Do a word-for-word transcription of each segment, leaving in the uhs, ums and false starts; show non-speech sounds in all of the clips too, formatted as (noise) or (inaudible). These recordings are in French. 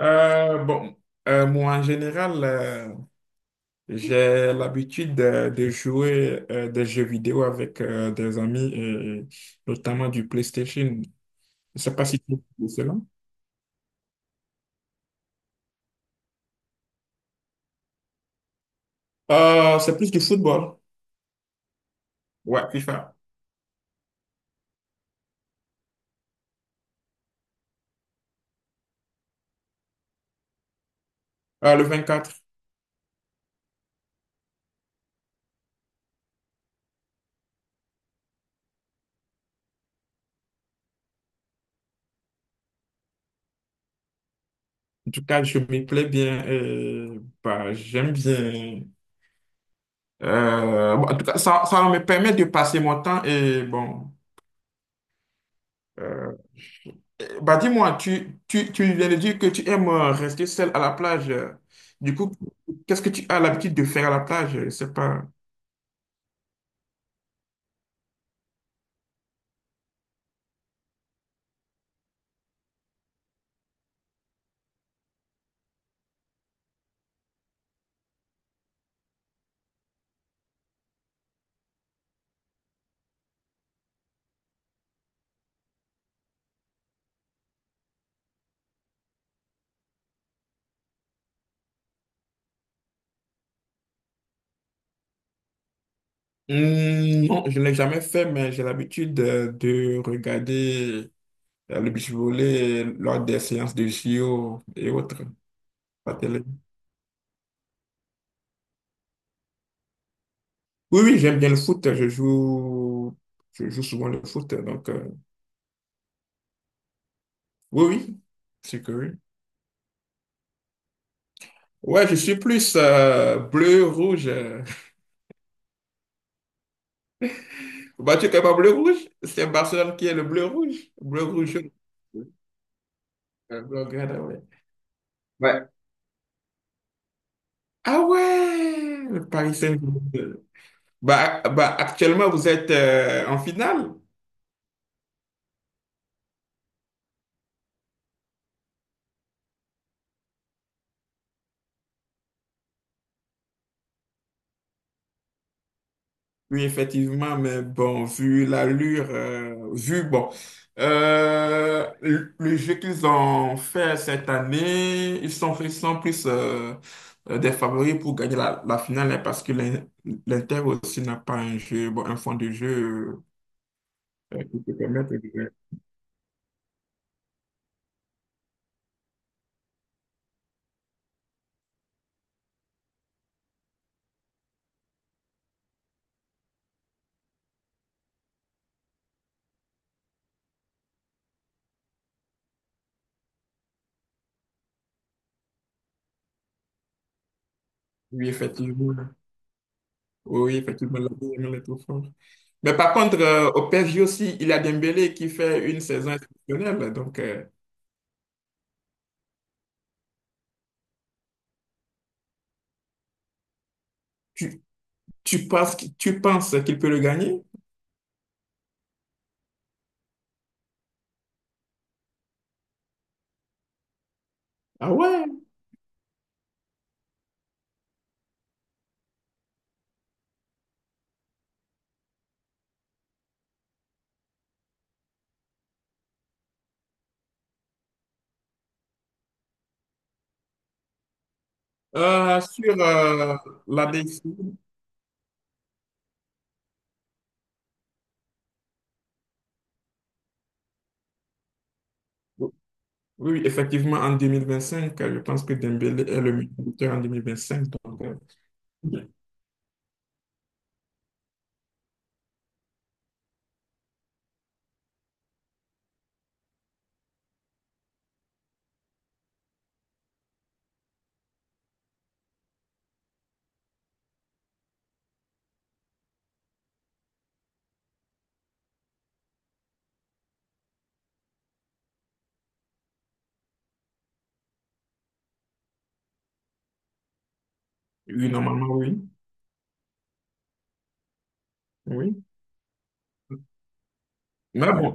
Euh, bon, euh, moi en général, euh, j'ai l'habitude de, de jouer euh, des jeux vidéo avec euh, des amis, et notamment du PlayStation. Je sais pas si tu connais cela. Euh, c'est plus du football. Ouais, FIFA. Euh, le quatre. En tout cas, je m'y plais bien et bah, j'aime bien. Euh, bon, en tout cas, ça, ça me permet de passer mon temps et bon. euh, Bah dis-moi, tu, tu, tu viens de dire que tu aimes euh, rester seul à la plage. euh. Du coup, qu'est-ce que tu as l'habitude de faire à la plage? Je sais pas. Hmm, non, je ne l'ai jamais fait, mais j'ai l'habitude euh, de regarder euh, le beach volley lors des séances de J O et autres. À la télé. Oui, oui, j'aime bien le foot. Je joue, je joue souvent le foot. Donc, euh, oui, oui, c'est que oui. Ouais, je suis plus euh, bleu, rouge. Bah, tu es quand même bleu-rouge. C'est Barcelone qui est le bleu-rouge. Bleu-rouge. Euh, bleu-grenat, ouais. Ouais. Ah ouais, le Paris Saint-Germain. Bah, bah, actuellement, vous êtes euh, en finale. Oui, effectivement, mais bon, vu l'allure, euh, vu, bon, euh, le le jeu qu'ils ont fait cette année, ils sont, ils sont plus euh, euh, des favoris pour gagner la, la finale, hein, parce que l'In- l'Inter aussi n'a pas un jeu, bon, un fond de jeu euh, euh, qui te permettent de... Oui, effectivement, oui, oui, effectivement, la vie aime les enfants. Mais par contre, euh, au P S G aussi, il y a Dembélé qui fait une saison exceptionnelle. Donc, euh, tu, tu penses, qu'- tu penses qu'il peut le gagner? Ah ouais? Euh, sur euh, la décision, oui, effectivement, en deux mille vingt-cinq, euh, je pense que Dembélé est le meilleur buteur en deux mille vingt-cinq. Donc, euh, oui, normalement, oui. Oui. Mais bon,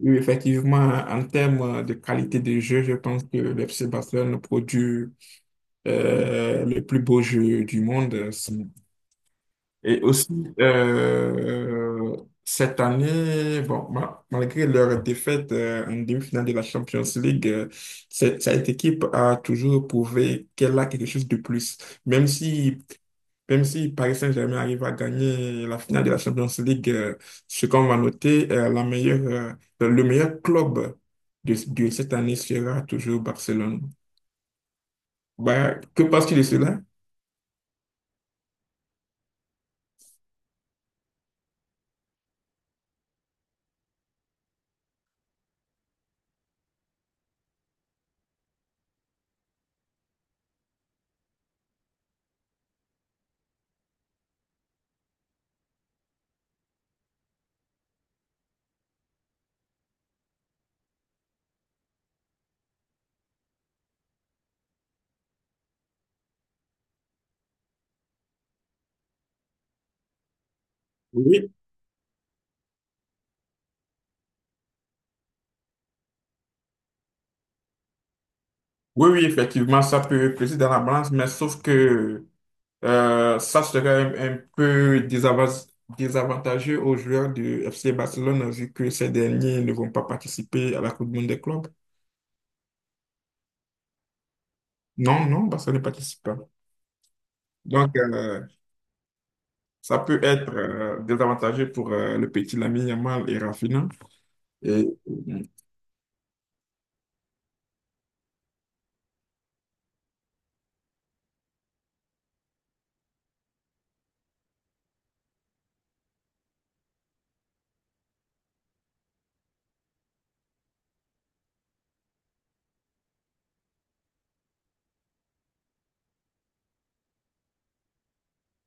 oui, effectivement, en termes de qualité de jeu, je pense que le F C Barcelone produit euh, le plus beau jeu du monde. Et aussi, euh, cette année, bon, ma- malgré leur défaite euh, en demi-finale de la Champions League, euh, cette, cette équipe a toujours prouvé qu'elle a quelque chose de plus. Même si même si Paris Saint-Germain arrive à gagner la finale de la Champions League, euh, ce qu'on va noter, euh, la meilleure, euh, le meilleur club de, de cette année sera toujours Barcelone. Bah, que penses-tu de cela? Oui. Oui, oui, effectivement, ça peut peser dans la balance, mais sauf que euh, ça serait un, un peu désava- désavantageux aux joueurs du F C Barcelone vu que ces derniers ne vont pas participer à la Coupe du Monde des clubs. Non, non, Barcelone ne participe pas. Donc, euh, Ça peut être euh, désavantageux pour euh, le petit Lamine Yamal et Rafinha. Et euh,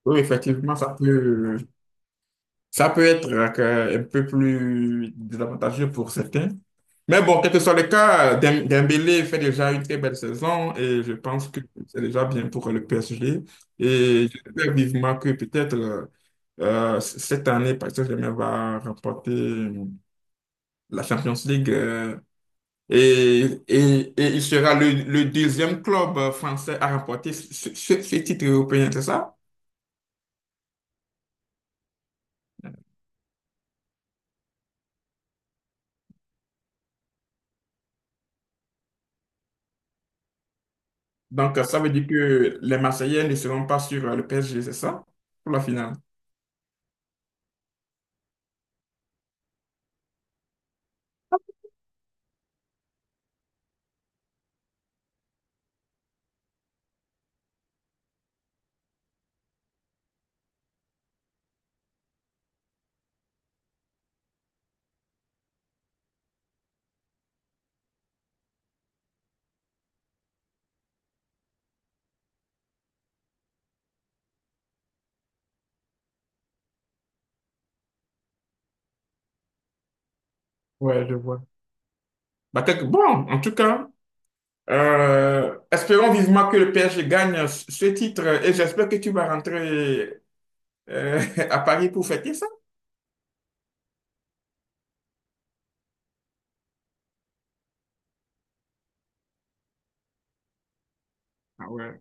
oui, effectivement, ça peut, ça peut être euh, que- un peu plus désavantageux pour certains. Mais bon, quel que soit le cas, Dem- Dembélé fait déjà une très belle saison et je pense que c'est déjà bien pour le P S G. Et j'espère vivement que peut-être euh, euh, cette année, Paris Saint-Germain va remporter la Champions League. euh, Et, et, et il sera le, le deuxième club euh, français à remporter ce, ce- ce titre européen, c'est ça? Donc, euh, ça veut dire que les Marseillais ne seront pas sur euh, le P S G, c'est ça? Pour la finale. Ouais, je vois. Bah, quelque- Bon, en tout cas, euh, espérons vivement que le P S G gagne ce titre et j'espère que tu vas rentrer euh, (laughs) à Paris pour fêter ça. Ah ouais.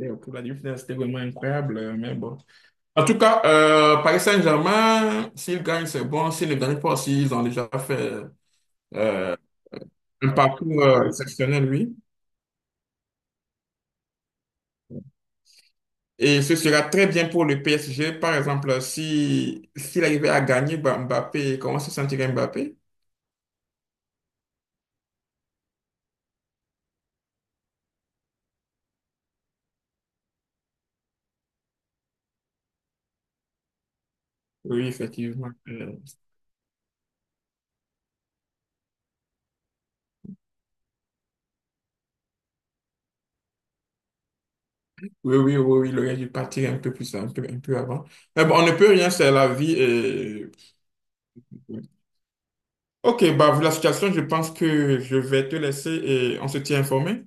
Et pour la demi-finale, c'était vraiment incroyable, euh, mais bon. En tout cas, euh, Paris Saint-Germain, s'ils gagnent, c'est bon. S'ils ne gagnent pas, s'ils ont déjà fait euh, un parcours euh, exceptionnel, lui. Et ce sera très bien pour le P S G. Par exemple, si s'il arrivait à gagner bah, Mbappé, comment se sentirait Mbappé? Oui, effectivement. Euh, Oui, oui, oui, oui, le gars, il partirait un peu plus, un peu, un peu avant. Mais bon, on ne peut rien, c'est la vie. Et... Ok, bah, vu la situation, je pense que je vais te laisser et on se tient informé.